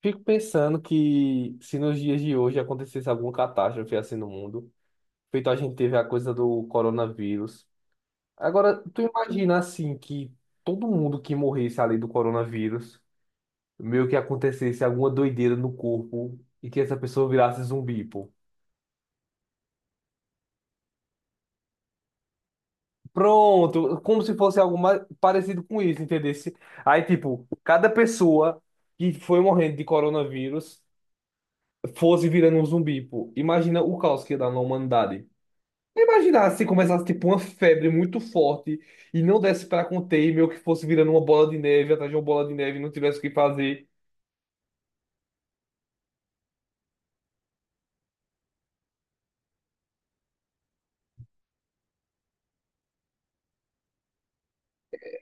Fico pensando que se nos dias de hoje acontecesse alguma catástrofe assim no mundo, feito a gente teve a coisa do coronavírus. Agora, tu imagina assim que todo mundo que morresse ali do coronavírus, meio que acontecesse alguma doideira no corpo e que essa pessoa virasse zumbi, pô. Pronto, como se fosse algo mais parecido com isso, entendesse? Aí, tipo, cada pessoa que foi morrendo de coronavírus fosse virando um zumbi, pô. Imagina o caos que ia dar na humanidade. Imaginar se começasse tipo uma febre muito forte e não desse para conter e meio que fosse virando uma bola de neve atrás de uma bola de neve e não tivesse o que fazer.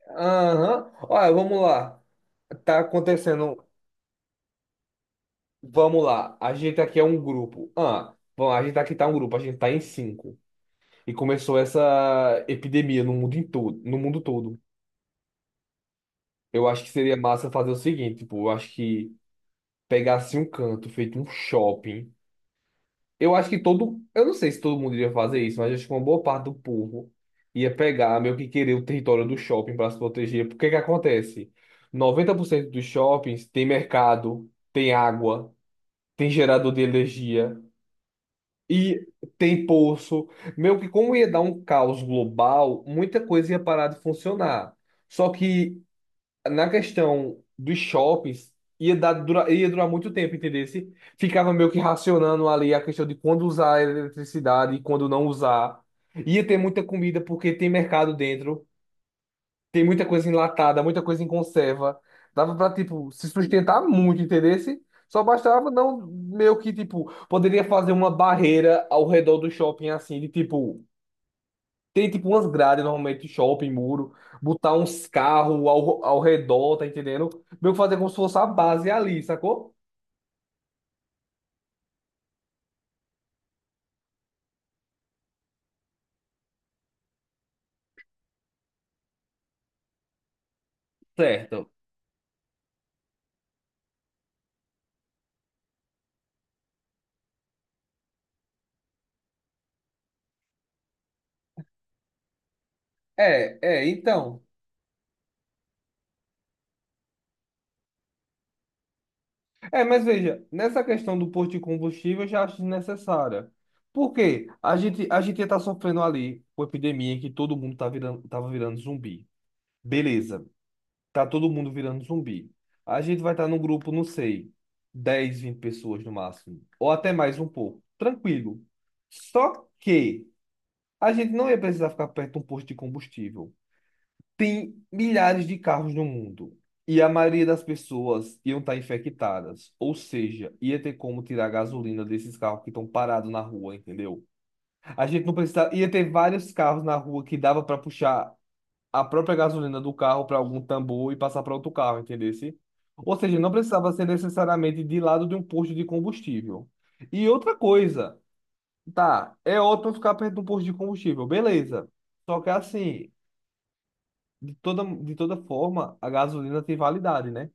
Aham. Olha, vamos lá. Tá acontecendo. Vamos lá. A gente aqui é um grupo. Ah, bom, a gente aqui tá um grupo. A gente tá em cinco. E começou essa epidemia no mundo em todo, no mundo todo. Eu acho que seria massa fazer o seguinte, tipo, eu acho que pegasse um canto feito um shopping. Eu acho que todo. Eu não sei se todo mundo iria fazer isso, mas acho que uma boa parte do povo ia pegar, meio que querer o território do shopping para se proteger. Porque que acontece? 90% dos shoppings tem mercado, tem água, tem gerador de energia e tem poço. Meio que como ia dar um caos global, muita coisa ia parar de funcionar. Só que na questão dos shoppings, ia dar, dura, ia durar muito tempo, entendesse? Ficava meio que racionando ali a questão de quando usar a eletricidade e quando não usar. Ia ter muita comida porque tem mercado dentro, tem muita coisa enlatada, muita coisa em conserva. Dava pra, tipo, se sustentar muito, entendesse? Só bastava não meio que, tipo, poderia fazer uma barreira ao redor do shopping assim, de tipo, tem tipo umas grades normalmente de shopping, muro, botar uns carros ao redor, tá entendendo? Meio que fazer como se fosse a base ali, sacou? Certo. É, é, então. É, mas veja, nessa questão do posto de combustível eu já acho desnecessária. Por quê? A gente ia estar sofrendo ali com a epidemia que todo mundo tá virando, tava virando zumbi. Beleza. Tá todo mundo virando zumbi. A gente vai estar num grupo, não sei, 10 20 pessoas no máximo, ou até mais um pouco, tranquilo. Só que a gente não ia precisar ficar perto de um posto de combustível. Tem milhares de carros no mundo. E a maioria das pessoas iam estar infectadas. Ou seja, ia ter como tirar a gasolina desses carros que estão parados na rua, entendeu? A gente não precisava. Ia ter vários carros na rua que dava para puxar a própria gasolina do carro para algum tambor e passar para outro carro, entendesse? Ou seja, não precisava ser necessariamente de lado de um posto de combustível. E outra coisa, tá, é ótimo ficar perto de um posto de combustível, beleza. Só que assim, de toda forma, a gasolina tem validade, né?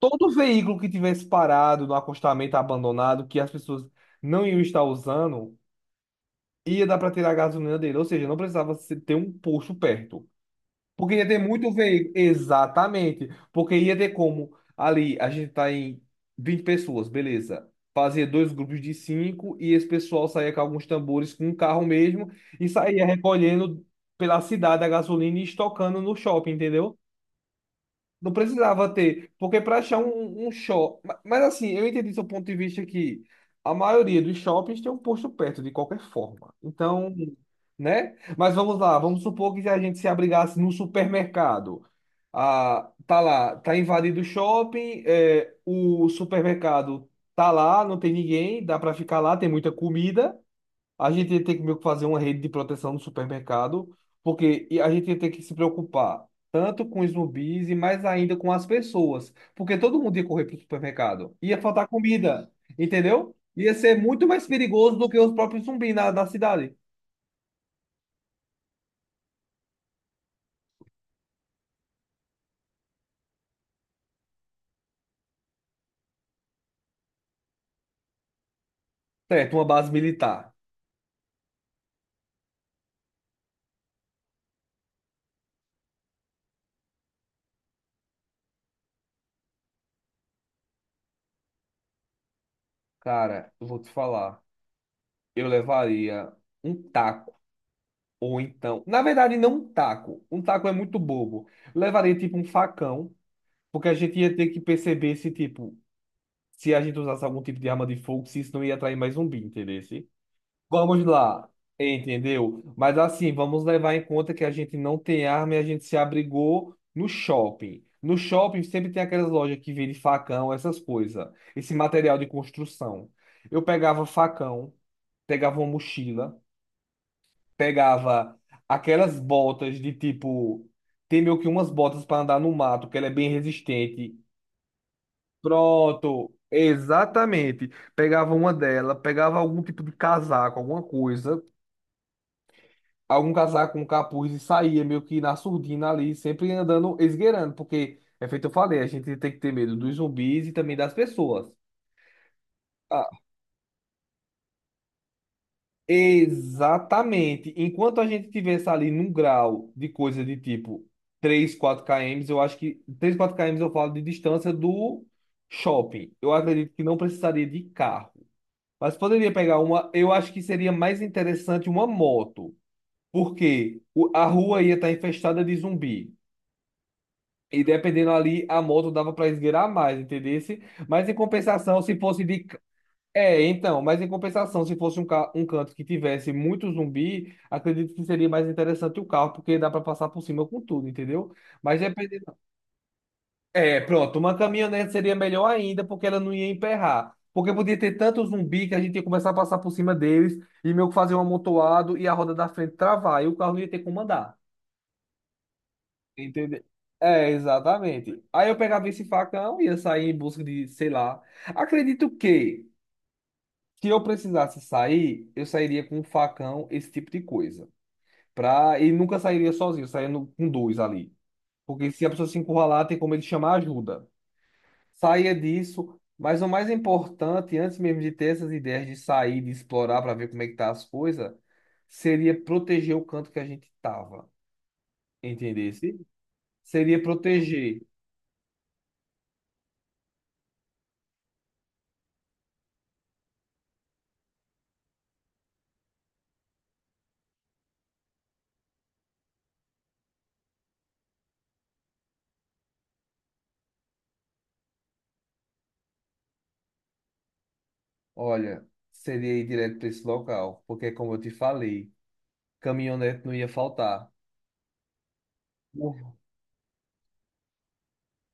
Todo veículo que tivesse parado no acostamento abandonado, que as pessoas não iam estar usando, ia dar para tirar a gasolina dele. Ou seja, não precisava ter um posto perto. Porque ia ter muito veículo. Exatamente. Porque ia ter como. Ali, a gente tá em 20 pessoas, beleza. Fazia dois grupos de cinco e esse pessoal saía com alguns tambores com um carro mesmo e saía recolhendo pela cidade a gasolina e estocando no shopping, entendeu? Não precisava ter, porque para achar um shopping. Mas assim, eu entendi seu ponto de vista que a maioria dos shoppings tem um posto perto, de qualquer forma. Então, né? Mas vamos lá, vamos supor que se a gente se abrigasse num supermercado. Ah, tá lá, tá invadido o shopping, é, o supermercado tá lá, não tem ninguém, dá para ficar lá, tem muita comida. A gente ia ter que meio que fazer uma rede de proteção no supermercado, porque e a gente ia ter que se preocupar tanto com os zumbis e mais ainda com as pessoas, porque todo mundo ia correr para o supermercado. Ia faltar comida, entendeu? Ia ser muito mais perigoso do que os próprios zumbis na cidade. Certo, uma base militar. Cara, eu vou te falar, eu levaria um taco, ou então, na verdade, não um taco. Um taco é muito bobo. Levaria tipo um facão, porque a gente ia ter que perceber se tipo se a gente usasse algum tipo de arma de fogo, se isso não ia atrair mais zumbi, entendeu? Vamos lá, entendeu? Mas assim, vamos levar em conta que a gente não tem arma e a gente se abrigou no shopping. No shopping sempre tem aquelas lojas que vendem facão, essas coisas, esse material de construção. Eu pegava facão, pegava uma mochila, pegava aquelas botas de tipo. Tem meio que umas botas para andar no mato, que ela é bem resistente. Pronto, exatamente. Pegava uma dela, pegava algum tipo de casaco, alguma coisa, algum casaco, um capuz e saía meio que na surdina ali, sempre andando, esgueirando, porque é feito eu falei, a gente tem que ter medo dos zumbis e também das pessoas. Ah, exatamente. Enquanto a gente tivesse ali num grau de coisa de tipo 3 4 km, eu acho que 3 4 km eu falo de distância do shopping. Eu acredito que não precisaria de carro. Mas poderia pegar uma. Eu acho que seria mais interessante uma moto, porque a rua ia estar infestada de zumbi. E dependendo ali, a moto dava para esgueirar mais, entendesse? Mas em compensação, se fosse de. É, então, mas em compensação, se fosse um, um canto que tivesse muito zumbi, acredito que seria mais interessante o carro, porque dá para passar por cima com tudo, entendeu? Mas dependendo. É, pronto, uma caminhonete seria melhor ainda, porque ela não ia emperrar. Porque podia ter tanto zumbi que a gente ia começar a passar por cima deles e meio que fazer um amontoado e a roda da frente travar, e o carro não ia ter como andar. Entendeu? É, exatamente. Aí eu pegava esse facão e ia sair em busca de, sei lá. Acredito que, se eu precisasse sair, eu sairia com um facão, esse tipo de coisa. Pra... E nunca sairia sozinho, eu sairia com dois ali. Porque se a pessoa se encurralar, tem como ele chamar ajuda. Saia disso. Mas o mais importante, antes mesmo de ter essas ideias de sair, de explorar para ver como é que tá as coisas, seria proteger o canto que a gente tava, entendesse? Seria proteger. Olha, seria ir direto para esse local, porque como eu te falei, caminhonete não ia faltar.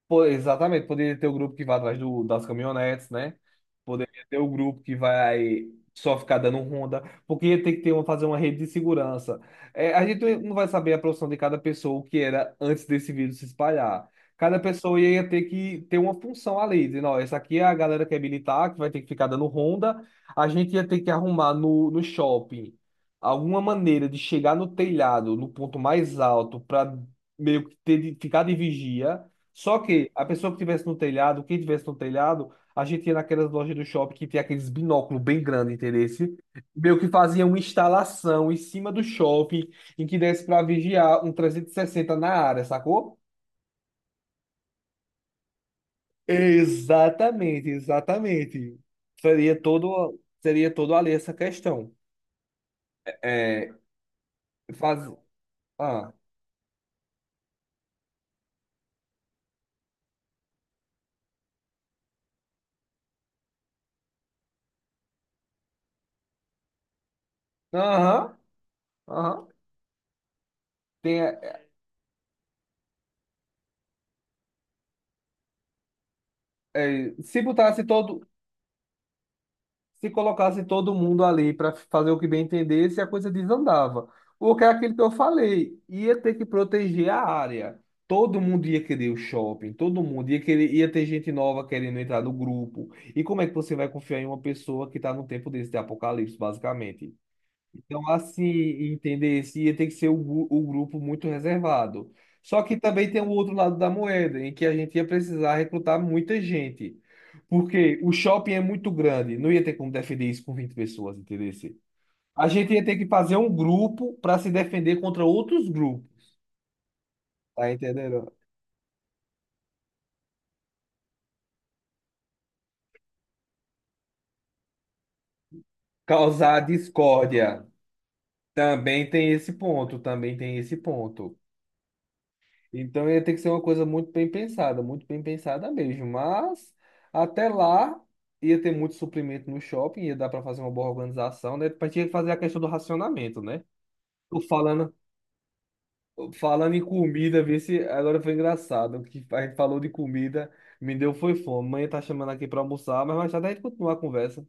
Pô, exatamente, poderia ter o grupo que vai atrás do, das caminhonetes, né? Poderia ter o grupo que vai só ficar dando ronda, porque ia ter que ter uma, fazer uma rede de segurança. É, a gente não vai saber a profissão de cada pessoa, o que era antes desse vírus se espalhar. Cada pessoa ia ter que ter uma função ali, dizendo, ó, essa aqui é a galera que é militar, que vai ter que ficar dando ronda. A gente ia ter que arrumar no shopping alguma maneira de chegar no telhado, no ponto mais alto, para meio que ter, ficar de vigia, só que a pessoa que tivesse no telhado, quem tivesse no telhado, a gente ia naquelas lojas do shopping que tem aqueles binóculos bem grandes, entendeu? Meio que fazia uma instalação em cima do shopping em que desse para vigiar um 360 na área, sacou? Exatamente, exatamente. Seria todo ali essa questão. É, faz... Ah, aham, aham. Tem, se botasse todo, se colocasse todo mundo ali para fazer o que bem entendesse, a coisa desandava. O que é aquilo que eu falei, ia ter que proteger a área. Todo mundo ia querer o shopping, todo mundo ia querer, ia ter gente nova querendo entrar no grupo. E como é que você vai confiar em uma pessoa que está num tempo desse de apocalipse, basicamente? Então, assim, entender isso, ia ter que ser o, o grupo muito reservado. Só que também tem o outro lado da moeda, em que a gente ia precisar recrutar muita gente. Porque o shopping é muito grande, não ia ter como defender isso com 20 pessoas, entendeu? A gente ia ter que fazer um grupo para se defender contra outros grupos, tá entendendo? Causar discórdia. Também tem esse ponto, também tem esse ponto. Então ia ter que ser uma coisa muito bem pensada mesmo. Mas até lá ia ter muito suprimento no shopping, ia dar para fazer uma boa organização, né? Mas tinha que fazer a questão do racionamento, né? Tô falando, falando em comida, vê se agora foi engraçado. Que a gente falou de comida, me deu foi fome. Mãe tá chamando aqui para almoçar, mas mais tarde a gente continua a conversa.